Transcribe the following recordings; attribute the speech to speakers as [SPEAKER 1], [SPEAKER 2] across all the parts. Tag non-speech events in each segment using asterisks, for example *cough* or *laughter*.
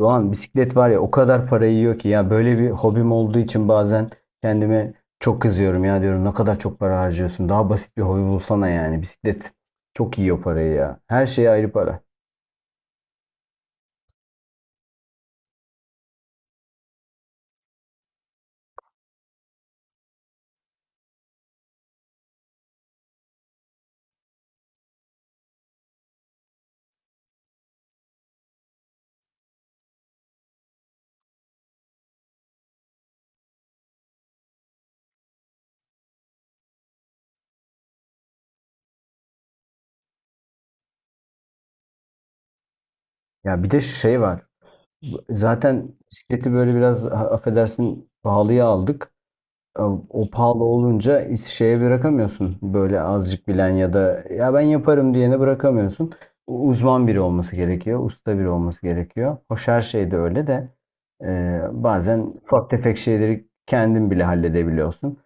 [SPEAKER 1] Doğan bisiklet var ya, o kadar para yiyor ki ya, böyle bir hobim olduğu için bazen kendime çok kızıyorum ya, diyorum ne kadar çok para harcıyorsun, daha basit bir hobi bulsana. Yani bisiklet çok yiyor parayı ya, her şeye ayrı para. Ya bir de şey var, zaten bisikleti böyle biraz affedersin, pahalıya aldık. O pahalı olunca şeye bırakamıyorsun. Böyle azıcık bilen ya da ya ben yaparım diyene bırakamıyorsun. Uzman biri olması gerekiyor. Usta biri olması gerekiyor. Hoş her şeyde öyle de bazen ufak tefek şeyleri kendin bile halledebiliyorsun.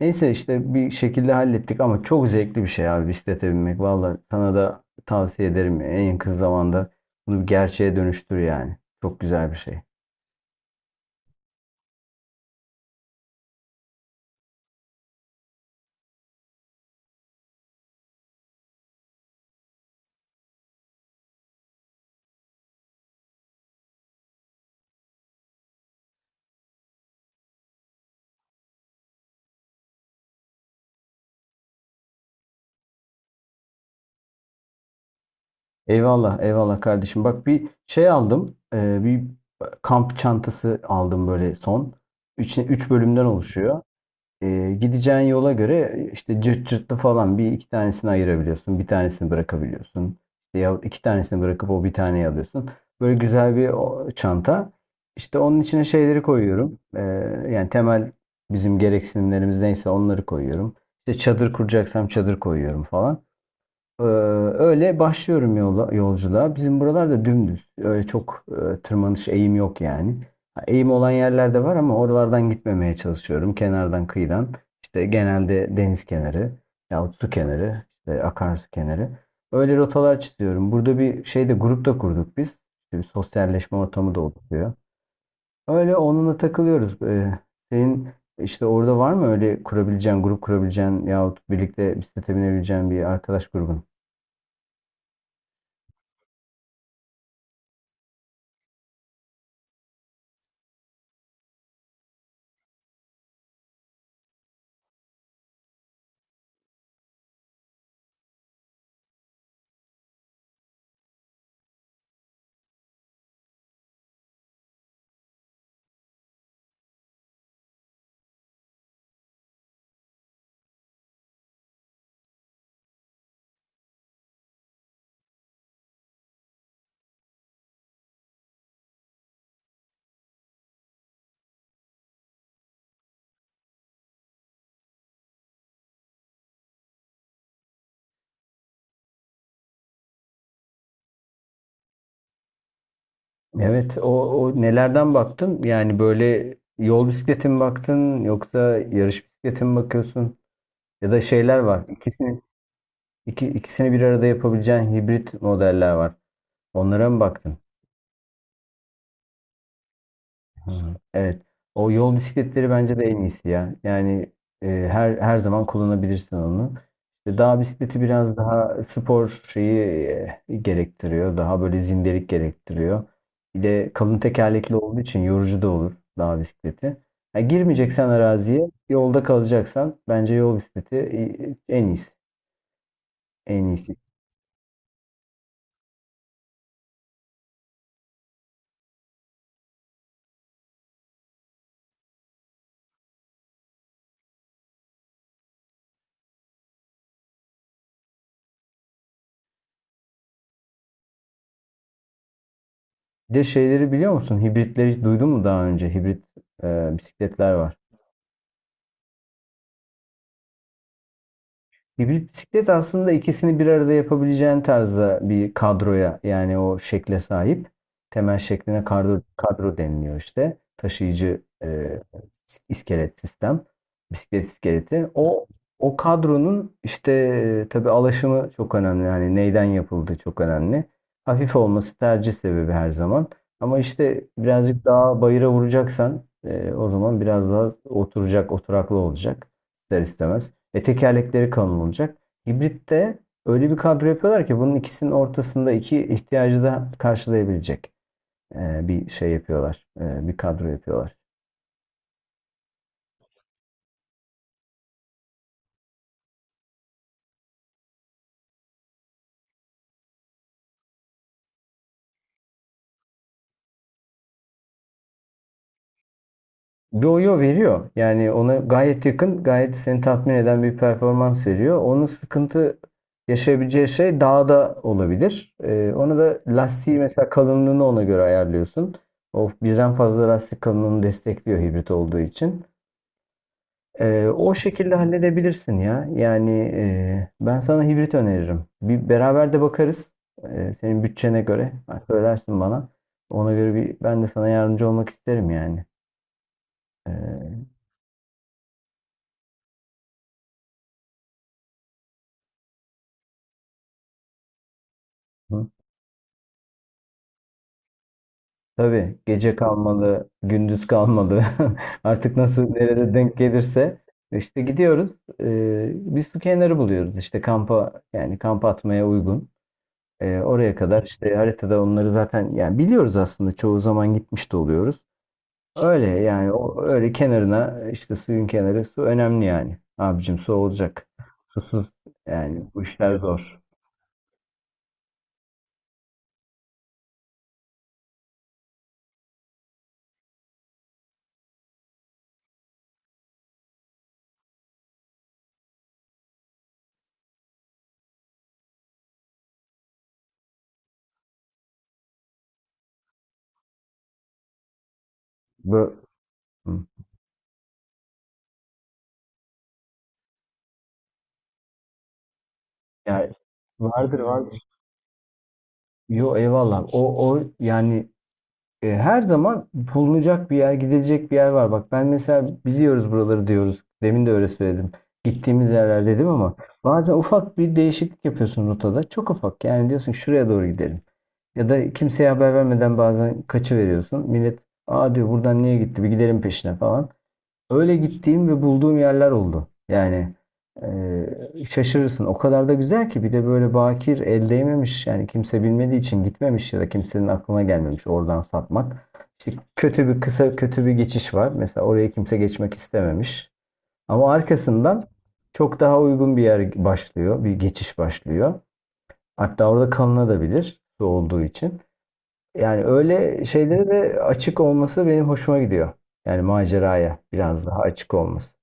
[SPEAKER 1] Neyse işte bir şekilde hallettik, ama çok zevkli bir şey abi bisiklete binmek. Valla sana da tavsiye ederim. En kısa zamanda bunu bir gerçeğe dönüştür yani. Çok güzel bir şey. Eyvallah, eyvallah kardeşim. Bak bir şey aldım. Bir kamp çantası aldım böyle son. Üç, üç bölümden oluşuyor. Gideceğin yola göre işte cırt cırtlı falan bir iki tanesini ayırabiliyorsun. Bir tanesini bırakabiliyorsun. İşte ya iki tanesini bırakıp o bir taneyi alıyorsun. Böyle güzel bir çanta. İşte onun içine şeyleri koyuyorum. Yani temel bizim gereksinimlerimiz neyse onları koyuyorum. İşte çadır kuracaksam çadır koyuyorum falan. Ee, Öyle başlıyorum yola, yolculuğa. Bizim buralarda dümdüz. Öyle çok tırmanış, eğim yok yani. Ha, eğim olan yerlerde var ama oralardan gitmemeye çalışıyorum. Kenardan, kıyıdan. İşte genelde deniz kenarı yahut su kenarı, işte akarsu kenarı. Öyle rotalar çiziyorum. Burada bir şeyde grup da kurduk biz. İşte bir sosyalleşme ortamı da oluşuyor. Öyle onunla takılıyoruz. Senin işte orada var mı öyle kurabileceğin, grup kurabileceğin yahut birlikte bisiklete binebileceğin bir arkadaş grubun? Evet, o nelerden baktın? Yani böyle yol bisikleti mi baktın yoksa yarış bisikleti mi bakıyorsun? Ya da şeyler var. İkisini bir arada yapabileceğin hibrit modeller var. Onlara mı baktın? Hı. Evet. O yol bisikletleri bence de en iyisi ya. Yani her zaman kullanabilirsin onu. İşte dağ bisikleti biraz daha spor şeyi gerektiriyor. Daha böyle zindelik gerektiriyor. Bir de kalın tekerlekli olduğu için yorucu da olur dağ bisikleti. Ha, girmeyeceksen araziye, yolda kalacaksan bence yol bisikleti en iyisi. En iyisi. Bir de şeyleri biliyor musun? Hibritleri hiç duydun mu daha önce? Hibrit bisikletler var. Bir bisiklet aslında ikisini bir arada yapabileceğin tarzda bir kadroya, yani o şekle sahip. Temel şekline kadro, kadro deniliyor işte. Taşıyıcı, iskelet sistem. Bisiklet iskeleti. O kadronun işte tabii alaşımı çok önemli. Yani neyden yapıldığı çok önemli. Hafif olması tercih sebebi her zaman. Ama işte birazcık daha bayıra vuracaksan o zaman biraz daha oturacak, oturaklı olacak ister istemez. E, tekerlekleri kalın olacak. Hibritte öyle bir kadro yapıyorlar ki bunun ikisinin ortasında iki ihtiyacı da karşılayabilecek bir şey yapıyorlar. E, bir kadro yapıyorlar. Yo-yo veriyor. Yani ona gayet yakın, gayet seni tatmin eden bir performans veriyor. Onun sıkıntı yaşayabileceği şey dağda olabilir. Onu da lastiği mesela, kalınlığını ona göre ayarlıyorsun. O birden fazla lastik kalınlığını destekliyor hibrit olduğu için. O şekilde halledebilirsin ya. Yani ben sana hibrit öneririm. Bir beraber de bakarız. Senin bütçene göre. Ha, söylersin bana. Ona göre bir ben de sana yardımcı olmak isterim yani. Ee, hı. Tabii, gece kalmalı, gündüz kalmalı. *laughs* Artık nasıl nerede denk gelirse işte gidiyoruz. Bir su kenarı buluyoruz. İşte kampa, yani kamp atmaya uygun. Oraya kadar işte, haritada onları zaten yani biliyoruz aslında, çoğu zaman gitmiş de oluyoruz. Öyle yani, o öyle kenarına, işte suyun kenarı, su önemli yani. Abicim, su olacak. Susuz yani bu işler zor. Bu hı. Yani vardır vardır. Yo, eyvallah. O yani her zaman bulunacak bir yer, gidilecek bir yer var. Bak ben mesela, biliyoruz buraları diyoruz. Demin de öyle söyledim. Gittiğimiz yerler dedim ama bazen ufak bir değişiklik yapıyorsun rotada. Çok ufak. Yani diyorsun şuraya doğru gidelim. Ya da kimseye haber vermeden bazen kaçıveriyorsun. Millet aa diyor, buradan niye gitti, bir gidelim peşine falan. Öyle gittiğim ve bulduğum yerler oldu. Yani şaşırırsın. O kadar da güzel ki, bir de böyle bakir, el değmemiş. Yani kimse bilmediği için gitmemiş ya da kimsenin aklına gelmemiş oradan satmak. İşte kötü bir kısa, kötü bir geçiş var. Mesela oraya kimse geçmek istememiş. Ama arkasından çok daha uygun bir yer başlıyor. Bir geçiş başlıyor. Hatta orada kalınabilir, su olduğu için. Yani öyle şeylere de açık olması benim hoşuma gidiyor. Yani maceraya biraz daha açık olması.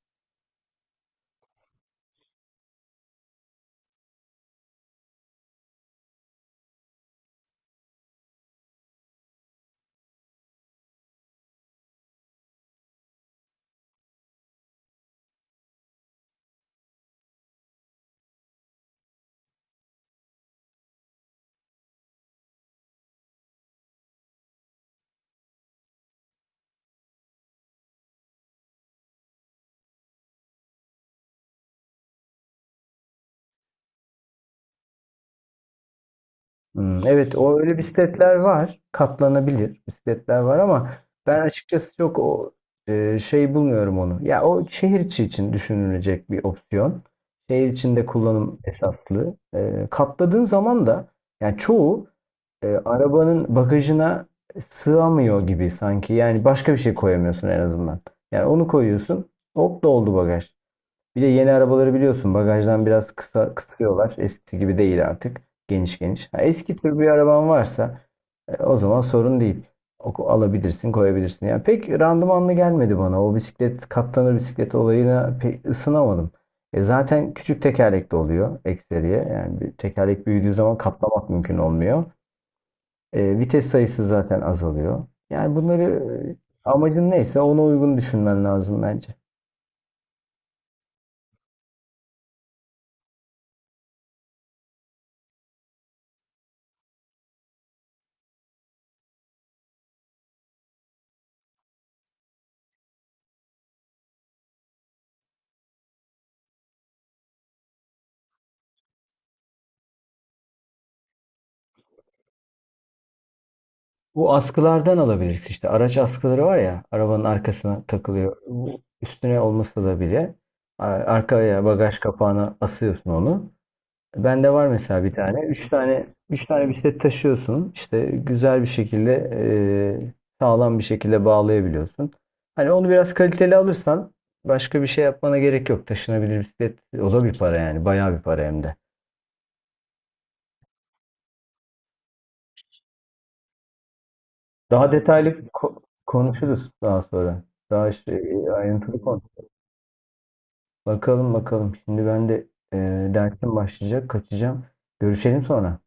[SPEAKER 1] Hmm, evet, o öyle bisikletler var. Katlanabilir bisikletler var, ama ben açıkçası çok şey bulmuyorum onu. Ya o şehir içi için düşünülecek bir opsiyon. Şehir içinde kullanım esaslı. E, katladığın zaman da yani çoğu arabanın bagajına sığamıyor gibi sanki. Yani başka bir şey koyamıyorsun en azından. Yani onu koyuyorsun. Hop, doldu bagaj. Bir de yeni arabaları biliyorsun, bagajdan biraz kısa kısıyorlar. Eskisi gibi değil artık. Geniş geniş. Ha, eski tür bir araban varsa o zaman sorun değil. Alabilirsin, koyabilirsin. Yani pek randımanlı gelmedi bana. O bisiklet, katlanır bisiklet olayına pek ısınamadım. E zaten küçük tekerlekli oluyor ekseriye. Yani bir tekerlek büyüdüğü zaman katlamak mümkün olmuyor. E, vites sayısı zaten azalıyor. Yani bunları amacın neyse ona uygun düşünmen lazım bence. Bu askılardan alabilirsin işte. Araç askıları var ya, arabanın arkasına takılıyor. Bu, üstüne olmasa da bile arkaya, bagaj kapağına asıyorsun onu. Bende var mesela bir tane. Üç tane bisiklet taşıyorsun. İşte güzel bir şekilde, e, sağlam bir şekilde bağlayabiliyorsun. Hani onu biraz kaliteli alırsan başka bir şey yapmana gerek yok. Taşınabilir bisiklet, o da bir para yani. Bayağı bir para hem de. Daha detaylı konuşuruz daha sonra. Daha şey, ayrıntılı konuş. Bakalım bakalım. Şimdi ben de e, dersim başlayacak. Kaçacağım. Görüşelim sonra.